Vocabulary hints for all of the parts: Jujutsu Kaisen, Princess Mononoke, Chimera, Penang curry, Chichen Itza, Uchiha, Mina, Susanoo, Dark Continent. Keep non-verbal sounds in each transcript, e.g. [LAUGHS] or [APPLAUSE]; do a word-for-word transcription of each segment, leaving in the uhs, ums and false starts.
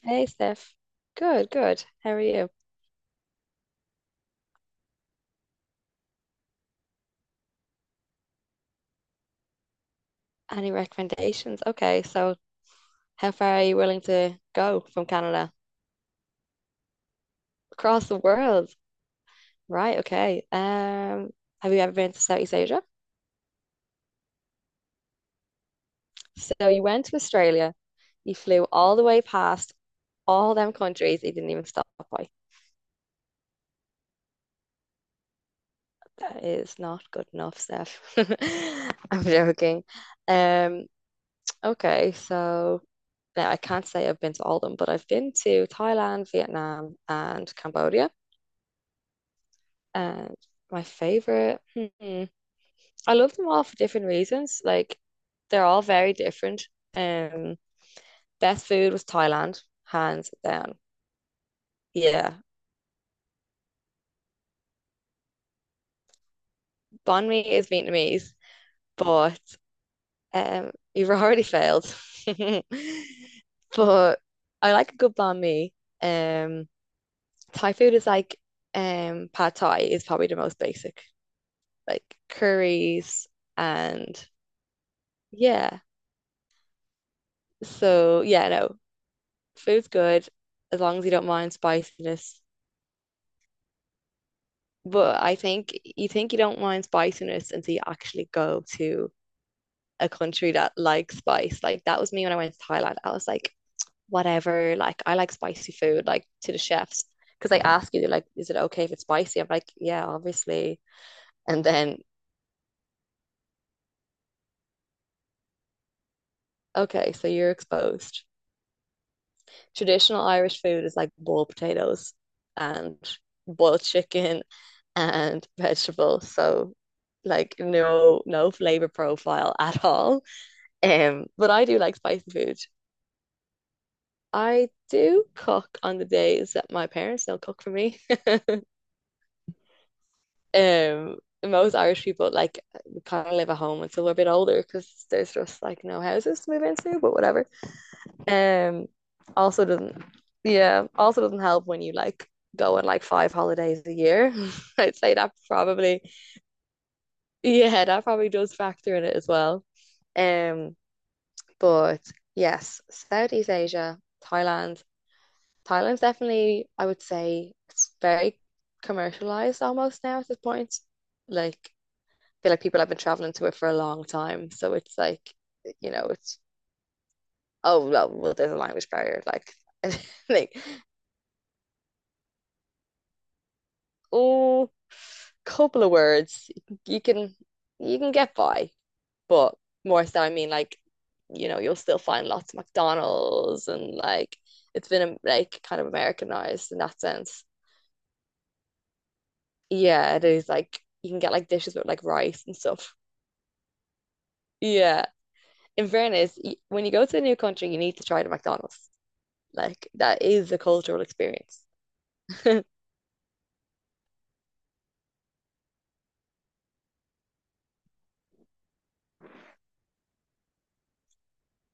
Hey Steph. Good, good. How are you? Any recommendations? Okay, so how far are you willing to go from Canada? Across the world. Right, okay. Um, have you ever been to Southeast Asia? So you went to Australia, you flew all the way past all them countries you didn't even stop by. That is not good enough, Steph. [LAUGHS] I'm joking. Um, okay, so now I can't say I've been to all of them, but I've been to Thailand, Vietnam, and Cambodia. And my favorite, hmm, I love them all for different reasons. Like they're all very different. Um, Best food was Thailand, hands down. Yeah, banh mi is Vietnamese, but um, you've already failed. [LAUGHS] But I like a good banh mi. Um, Thai food is like um pad Thai is probably the most basic, like curries and yeah. So yeah, no. Food's good as long as you don't mind spiciness. But I think you think you don't mind spiciness until you actually go to a country that likes spice. Like that was me when I went to Thailand. I was like, whatever, like I like spicy food, like to the chefs. Because they ask you, they're like, is it okay if it's spicy? I'm like, yeah, obviously. And then, okay, so you're exposed. Traditional Irish food is like boiled potatoes and boiled chicken and [LAUGHS] vegetables. So like no no flavor profile at all. Um, but I do like spicy food. I do cook on the days that my parents don't cook for me. [LAUGHS] Um, Most Irish people like kind of live at home until we're a bit older because there's just like no houses to move into, but whatever. Um, Also doesn't, yeah, also doesn't help when you like go on like five holidays a year. [LAUGHS] I'd say that probably, yeah, that probably does factor in it as well. Um, but yes, Southeast Asia, Thailand. Thailand's definitely, I would say, it's very commercialized almost now at this point. Like, I feel like people have been traveling to it for a long time, so it's like, you know, it's oh well, well there's a language barrier. Like, [LAUGHS] like oh, couple of words, you can you can get by, but more so, I mean, like, you know, you'll still find lots of McDonald's and like it's been um, like kind of Americanized in that sense. Yeah, it is like you can get like dishes with like rice and stuff. Yeah. In fairness, y- when you go to a new country, you need to try the McDonald's. Like that is a cultural experience. [LAUGHS]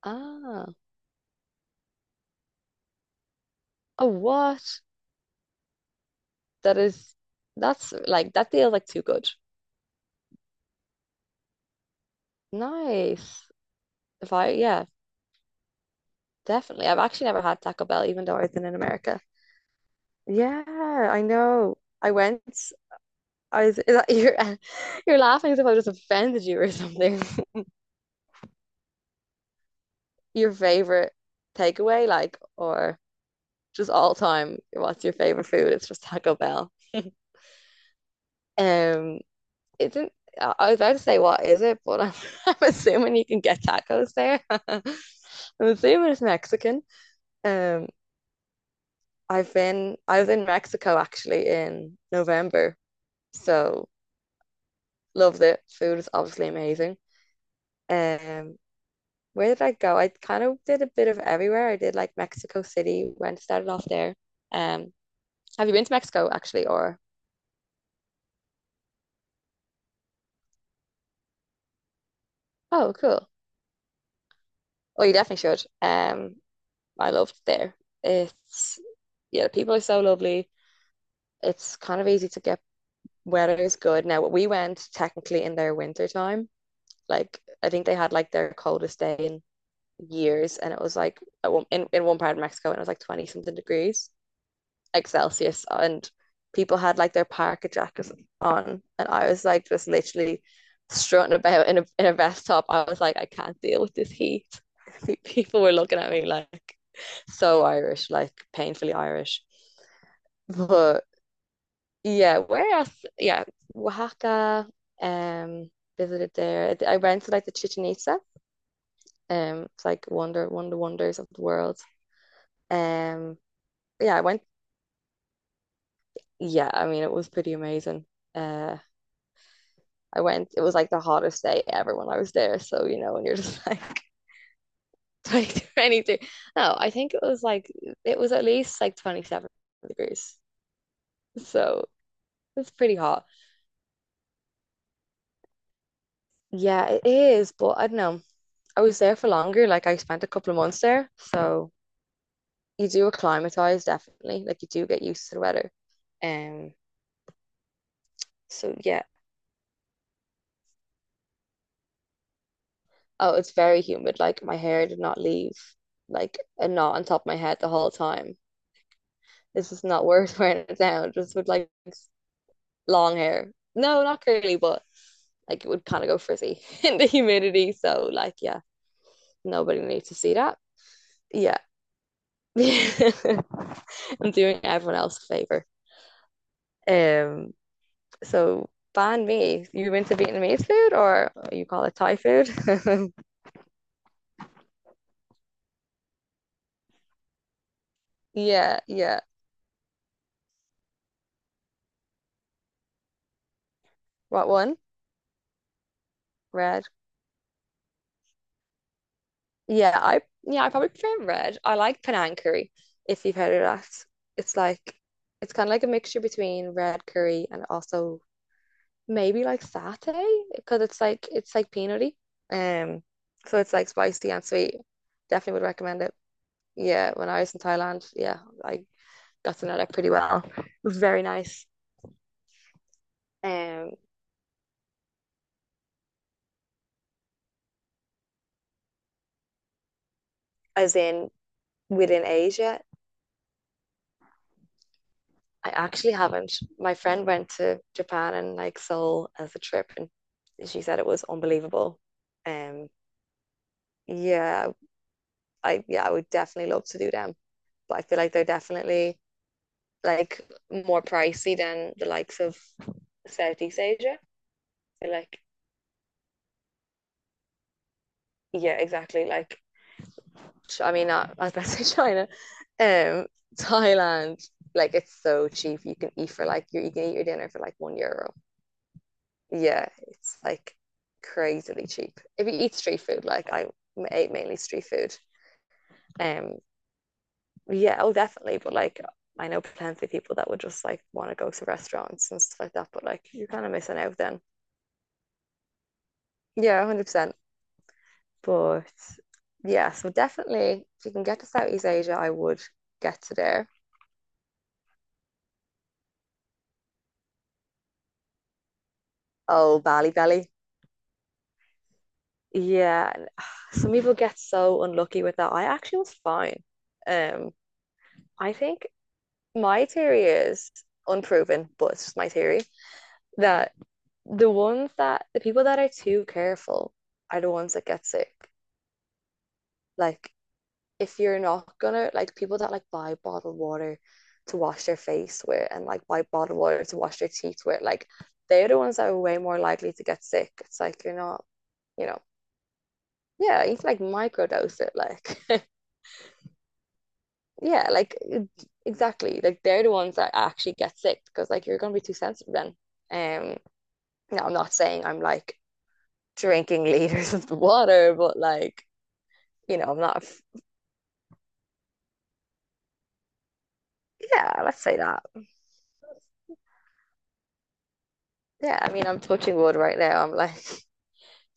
Ah, a what? That is that's like that feels like too good. Nice. If I yeah. Definitely. I've actually never had Taco Bell, even though I've been in America. Yeah, I know. I went. I was, [LAUGHS] is that, you're, [LAUGHS] you're laughing as if I just offended you or something. [LAUGHS] Your favorite takeaway, like, or just all time, what's your favorite food? It's just Taco Bell. Um, it's not I I was about to say, what is it? But I'm, [LAUGHS] I'm assuming you can get tacos there. [LAUGHS] I'm assuming it's Mexican. Um, I've been, I was in Mexico actually in November. So loved it. Food is obviously amazing. Um, where did I go? I kind of did a bit of everywhere. I did like Mexico City, went started off there. Um, have you been to Mexico actually, or oh, cool. Oh, you definitely should. Um, I loved there. It's yeah, the people are so lovely. It's kind of easy to get. Weather is good. Now, we went technically in their winter time. Like I think they had like their coldest day in years, and it was like at one, in in one part of Mexico, and it was like twenty something degrees. Excelsius and people had like their parka jackets on and I was like just literally strutting about in a in a vest top. I was like, I can't deal with this heat. [LAUGHS] People were looking at me like so Irish, like painfully Irish. But yeah, where else? Yeah, Oaxaca. Um, Visited there. I went to like the Chichen Itza. Um, it's like wonder, one of the wonders of the world. Um, yeah, I went. Yeah, I mean, it was pretty amazing. Uh, I went, it was like the hottest day ever when I was there. So, you know, when you're [LAUGHS] just like twenty-two, twenty-three. No, I think it was like, it was at least like twenty-seven degrees. So it's pretty hot. Yeah, it is. But I don't know. I was there for longer. Like I spent a couple of months there. So you do acclimatize, definitely. Like you do get used to the weather. Um, so yeah. Oh, it's very humid. Like my hair did not leave like a knot on top of my head the whole time. This is not worth [LAUGHS] wearing it down. Just would like long hair. No, not curly, but like it would kind of go frizzy [LAUGHS] in the humidity. So like, yeah, nobody needs to see that. Yeah. [LAUGHS] I'm doing everyone else a favor. Um, so ban me. You into Vietnamese food or you call it Thai food? [LAUGHS] Yeah, yeah. What one? Red. Yeah, I yeah, I probably prefer red. I like Penang curry, if you've heard of that. It's like it's kind of like a mixture between red curry and also maybe like satay because it's like it's like peanutty. Um, so it's like spicy and sweet. Definitely would recommend it. Yeah, when I was in Thailand, yeah, I got to know that pretty well. It was very nice. Um, as in within Asia, I actually haven't. My friend went to Japan and like Seoul as a trip, and she said it was unbelievable. Um, yeah, I yeah, I would definitely love to do them. But I feel like they're definitely like more pricey than the likes of Southeast Asia. So, like, yeah, exactly. Like, I mean, not, I was about to say [LAUGHS] China, um, Thailand. Like, it's so cheap. You can eat for like you you can eat your dinner for like one euro. Yeah, it's like crazily cheap. If you eat street food, like I ate mainly street food. Um, yeah, oh, definitely. But like, I know plenty of people that would just like want to go to restaurants and stuff like that. But like, you're kind of missing out then. Yeah, a hundred percent. But yeah, so definitely if you can get to Southeast Asia, I would get to there. Oh, Bali, Bali, yeah, some people get so unlucky with that. I actually was fine. Um, I think my theory is unproven, but it's just my theory that the ones that the people that are too careful are the ones that get sick. Like if you're not gonna like people that like buy bottled water to wash their face with and like buy bottled water to wash their teeth with, like they're the ones that are way more likely to get sick. It's like you're not, you know, yeah, you can like microdose it, like [LAUGHS] yeah, like e-, exactly. Like they're the ones that actually get sick because like you're gonna be too sensitive then. Um, Now I'm not saying I'm like drinking [LAUGHS] liters of the water, but like, you know, I'm not, yeah, let's say that. Yeah, I mean, I'm touching wood right now. I'm like,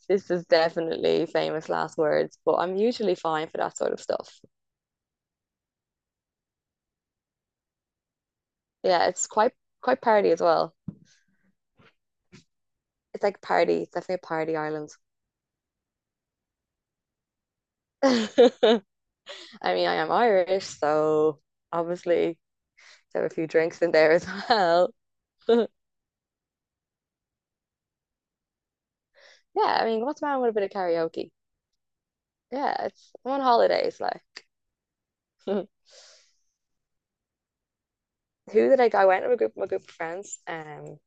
this is definitely famous last words, but I'm usually fine for that sort of stuff. Yeah, it's quite quite party as well. It's like party, it's definitely a party Ireland. [LAUGHS] I mean, I am Irish, so obviously there are a few drinks in there as well. [LAUGHS] Yeah, I mean, what's wrong with a bit of karaoke? Yeah, it's I'm on holidays, like. [LAUGHS] Who did I go? I went with a group, my group of friends. Um,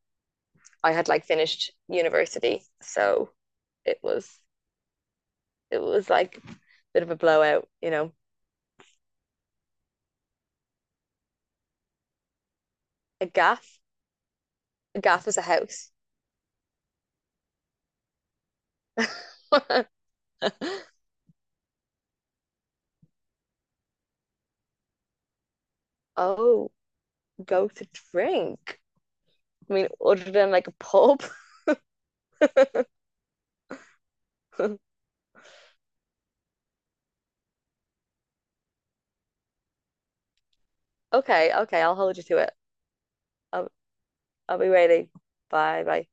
I had like finished university, so it was it was like a bit of a blowout, you know, a gaff. A gaff is a house. [LAUGHS] Oh, go to drink. I mean, other than like a pub. [LAUGHS] Okay, okay, I'll hold you to it. I'll, I'll be waiting. Bye, bye.